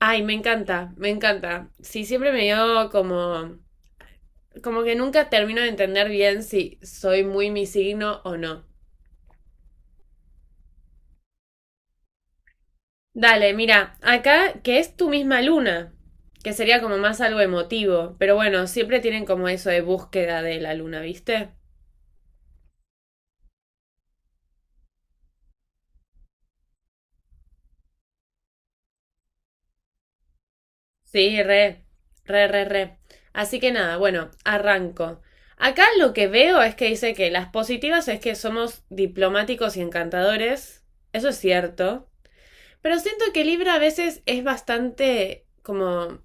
Ay, me encanta, me encanta. Sí, siempre me dio como. Como que nunca termino de entender bien si soy muy mi signo o no. Dale, mira, acá que es tu misma luna, que sería como más algo emotivo, pero bueno, siempre tienen como eso de búsqueda de la luna, ¿viste? Sí, re, re, re, re. Así que nada, bueno, arranco. Acá lo que veo es que dice que las positivas es que somos diplomáticos y encantadores. Eso es cierto. Pero siento que Libra a veces es bastante como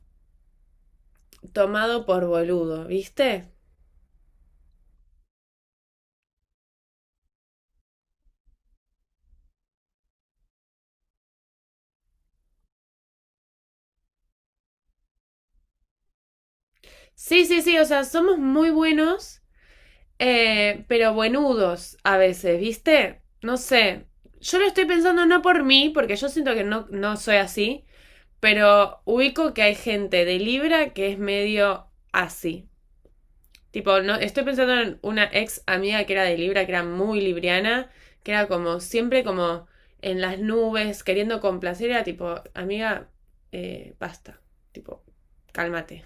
tomado por boludo, ¿viste? Sí, sí, sí, o sea, somos muy buenos, pero buenudos a veces, ¿viste? No sé. Yo lo estoy pensando no por mí, porque yo siento que no, no soy así, pero ubico que hay gente de Libra que es medio así. Tipo, no, estoy pensando en una ex amiga que era de Libra, que era muy libriana, que era como siempre como en las nubes, queriendo complacer, era tipo, amiga, basta, tipo, cálmate.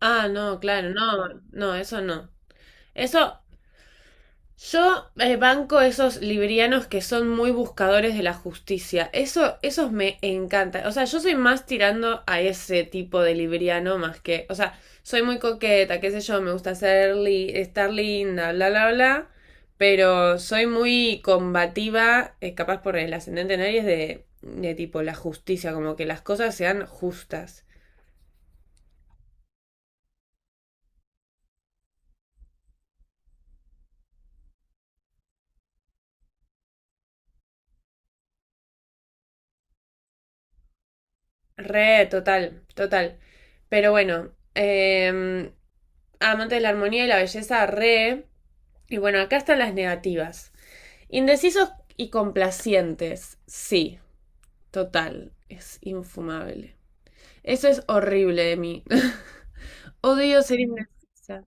Ah, no, claro, no, no, eso no. Eso Yo, banco esos librianos que son muy buscadores de la justicia. Eso, esos me encantan. O sea, yo soy más tirando a ese tipo de libriano más que. O sea, soy muy coqueta, qué sé yo, me gusta estar linda, bla, bla, bla. Pero soy muy combativa, capaz por el ascendente en Aries, de tipo la justicia, como que las cosas sean justas. Re, total, total. Pero bueno, amante de la armonía y la belleza, re. Y bueno, acá están las negativas. Indecisos y complacientes, sí, total, es infumable. Eso es horrible de mí. Odio ser indecisa.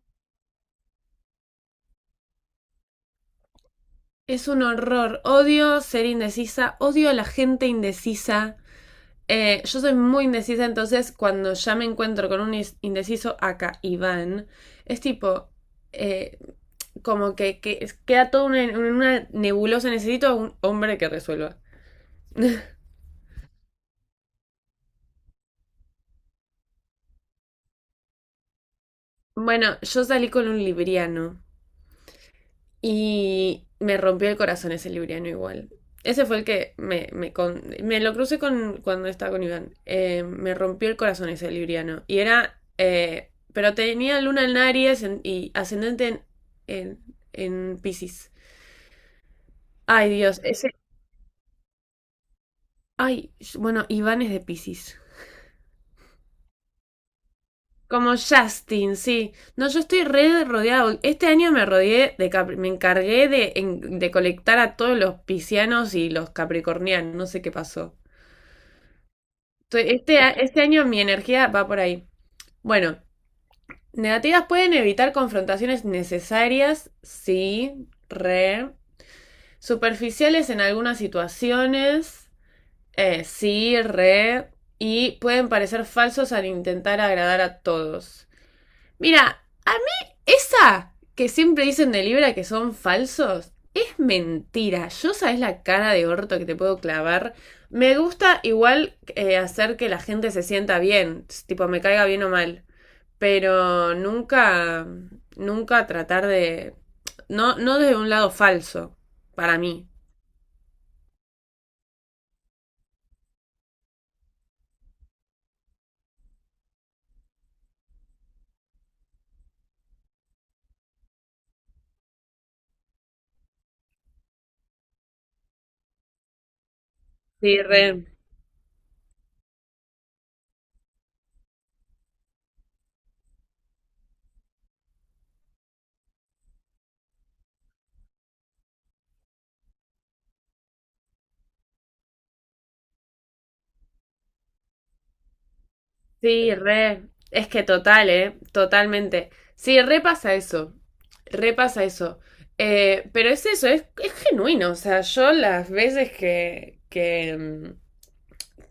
Es un horror. Odio ser indecisa. Odio a la gente indecisa. Yo soy muy indecisa, entonces cuando ya me encuentro con un indeciso acá, Iván, es tipo, eh, como que queda todo en una nebulosa, necesito a un hombre que resuelva. Bueno, yo salí con un libriano. Y me rompió el corazón ese libriano igual. Ese fue el que me lo crucé con, cuando estaba con Iván. Me rompió el corazón ese libriano. Pero tenía luna en Aries y ascendente en, en Piscis. Ay, Dios, ese. Ay, bueno, Iván es de Piscis. Como Justin, sí. No, yo estoy re rodeado. Este año me rodeé me encargué de colectar a todos los piscianos y los capricornianos. No sé qué pasó. Este año mi energía va por ahí. Bueno, negativas pueden evitar confrontaciones necesarias, sí, re. Superficiales en algunas situaciones, sí, re. Y pueden parecer falsos al intentar agradar a todos. Mira, a mí esa que siempre dicen de Libra que son falsos es mentira. Yo sabes la cara de orto que te puedo clavar. Me gusta igual hacer que la gente se sienta bien, tipo me caiga bien o mal, pero nunca, nunca tratar de, no, no desde un lado falso, para mí. Sí, re. Sí, re. Es que total, ¿eh? Totalmente. Sí, repasa eso. Repasa eso. Pero es eso, es genuino. O sea, yo las veces que, que, mm,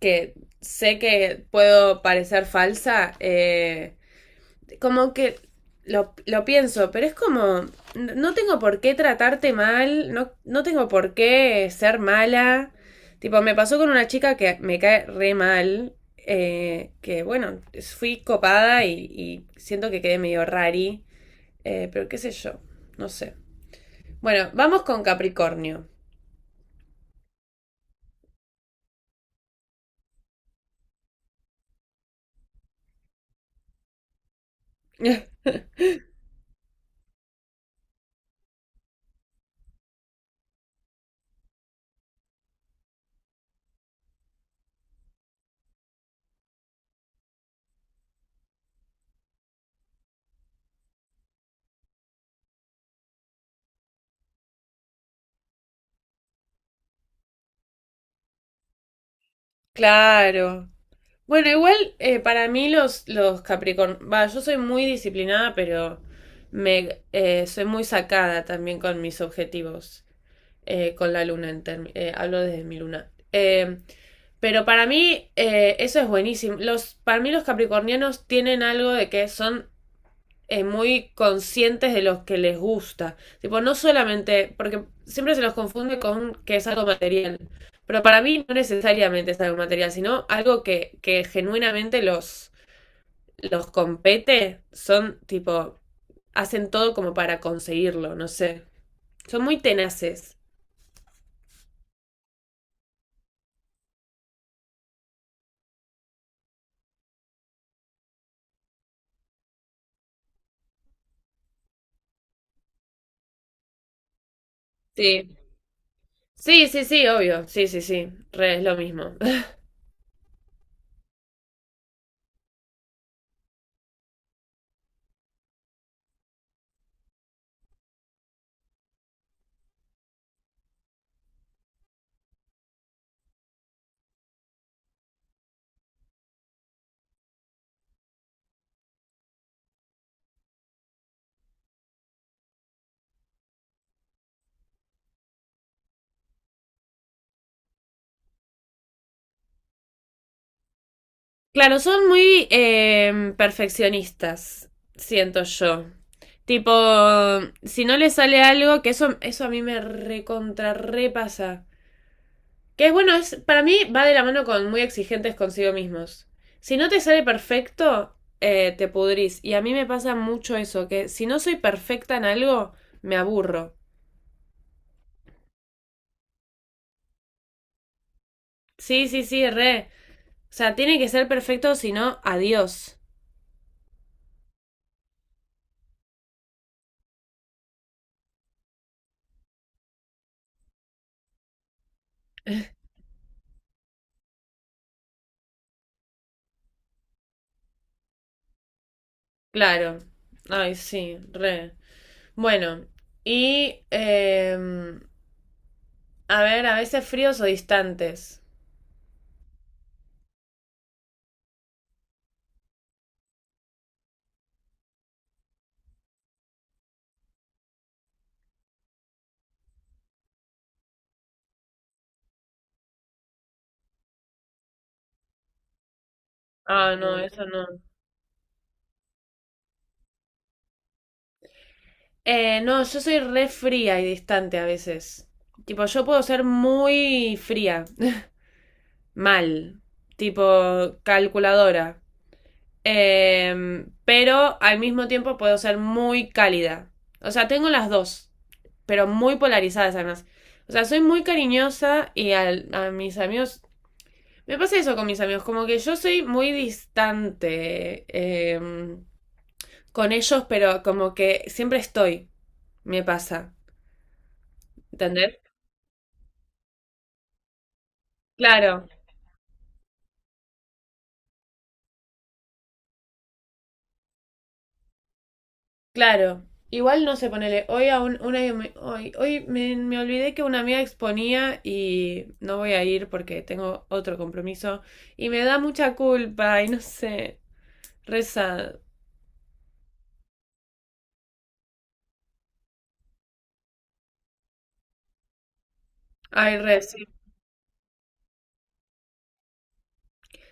que sé que puedo parecer falsa, como que lo pienso, pero es como, no tengo por qué tratarte mal, no, no tengo por qué ser mala. Tipo, me pasó con una chica que me cae re mal, que bueno, fui copada y siento que quedé medio rari, pero qué sé yo, no sé. Bueno, vamos con Capricornio. Claro. Bueno, igual para mí los Capricorn, va, yo soy muy disciplinada, pero me soy muy sacada también con mis objetivos, con la luna, hablo desde mi luna. Pero para mí eso es buenísimo. Para mí los capricornianos tienen algo de que son muy conscientes de los que les gusta. Tipo, no solamente, porque siempre se los confunde con que es algo material, pero para mí no necesariamente es algo material, sino algo que genuinamente los compete, son tipo, hacen todo como para conseguirlo, no sé. Son muy tenaces. Sí. Sí, sí, sí, obvio. Sí, sí, sí. Re, es lo mismo. Claro, son muy perfeccionistas, siento yo. Tipo, si no le sale algo, que eso a mí me recontra repasa. Que es bueno, para mí va de la mano con muy exigentes consigo mismos. Si no te sale perfecto, te pudrís. Y a mí me pasa mucho eso, que si no soy perfecta en algo, me aburro. Sí, sí, sí, re. O sea, tiene que ser perfecto, si no, adiós. Claro. Ay, sí, re. Bueno, y a ver, a veces fríos o distantes. Ah, no. Mm. Eso no. No, yo soy re fría y distante a veces. Tipo, yo puedo ser muy fría, mal, tipo calculadora. Pero al mismo tiempo puedo ser muy cálida. O sea, tengo las dos, pero muy polarizadas además. O sea, soy muy cariñosa y a mis amigos. Me pasa eso con mis amigos, como que yo soy muy distante con ellos, pero como que siempre estoy, me pasa, ¿entendés? Claro, claro. Igual no sé, ponele, hoy a un- una me- hoy, hoy me, me olvidé que una amiga exponía y no voy a ir porque tengo otro compromiso y me da mucha culpa y no sé, reza. Ay, re, sí.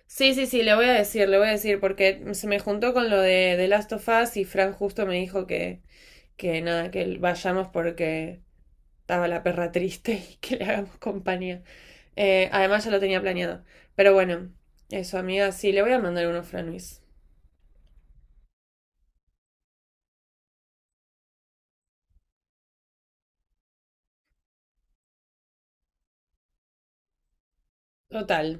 Sí, sí, sí, le voy a decir, le voy a decir porque se me juntó con lo de The Last of Us y Fran justo me dijo que nada, que vayamos porque estaba la perra triste y que le hagamos compañía. Además ya lo tenía planeado. Pero bueno, eso, amiga, sí, le voy a mandar uno a Fran Luis. Total,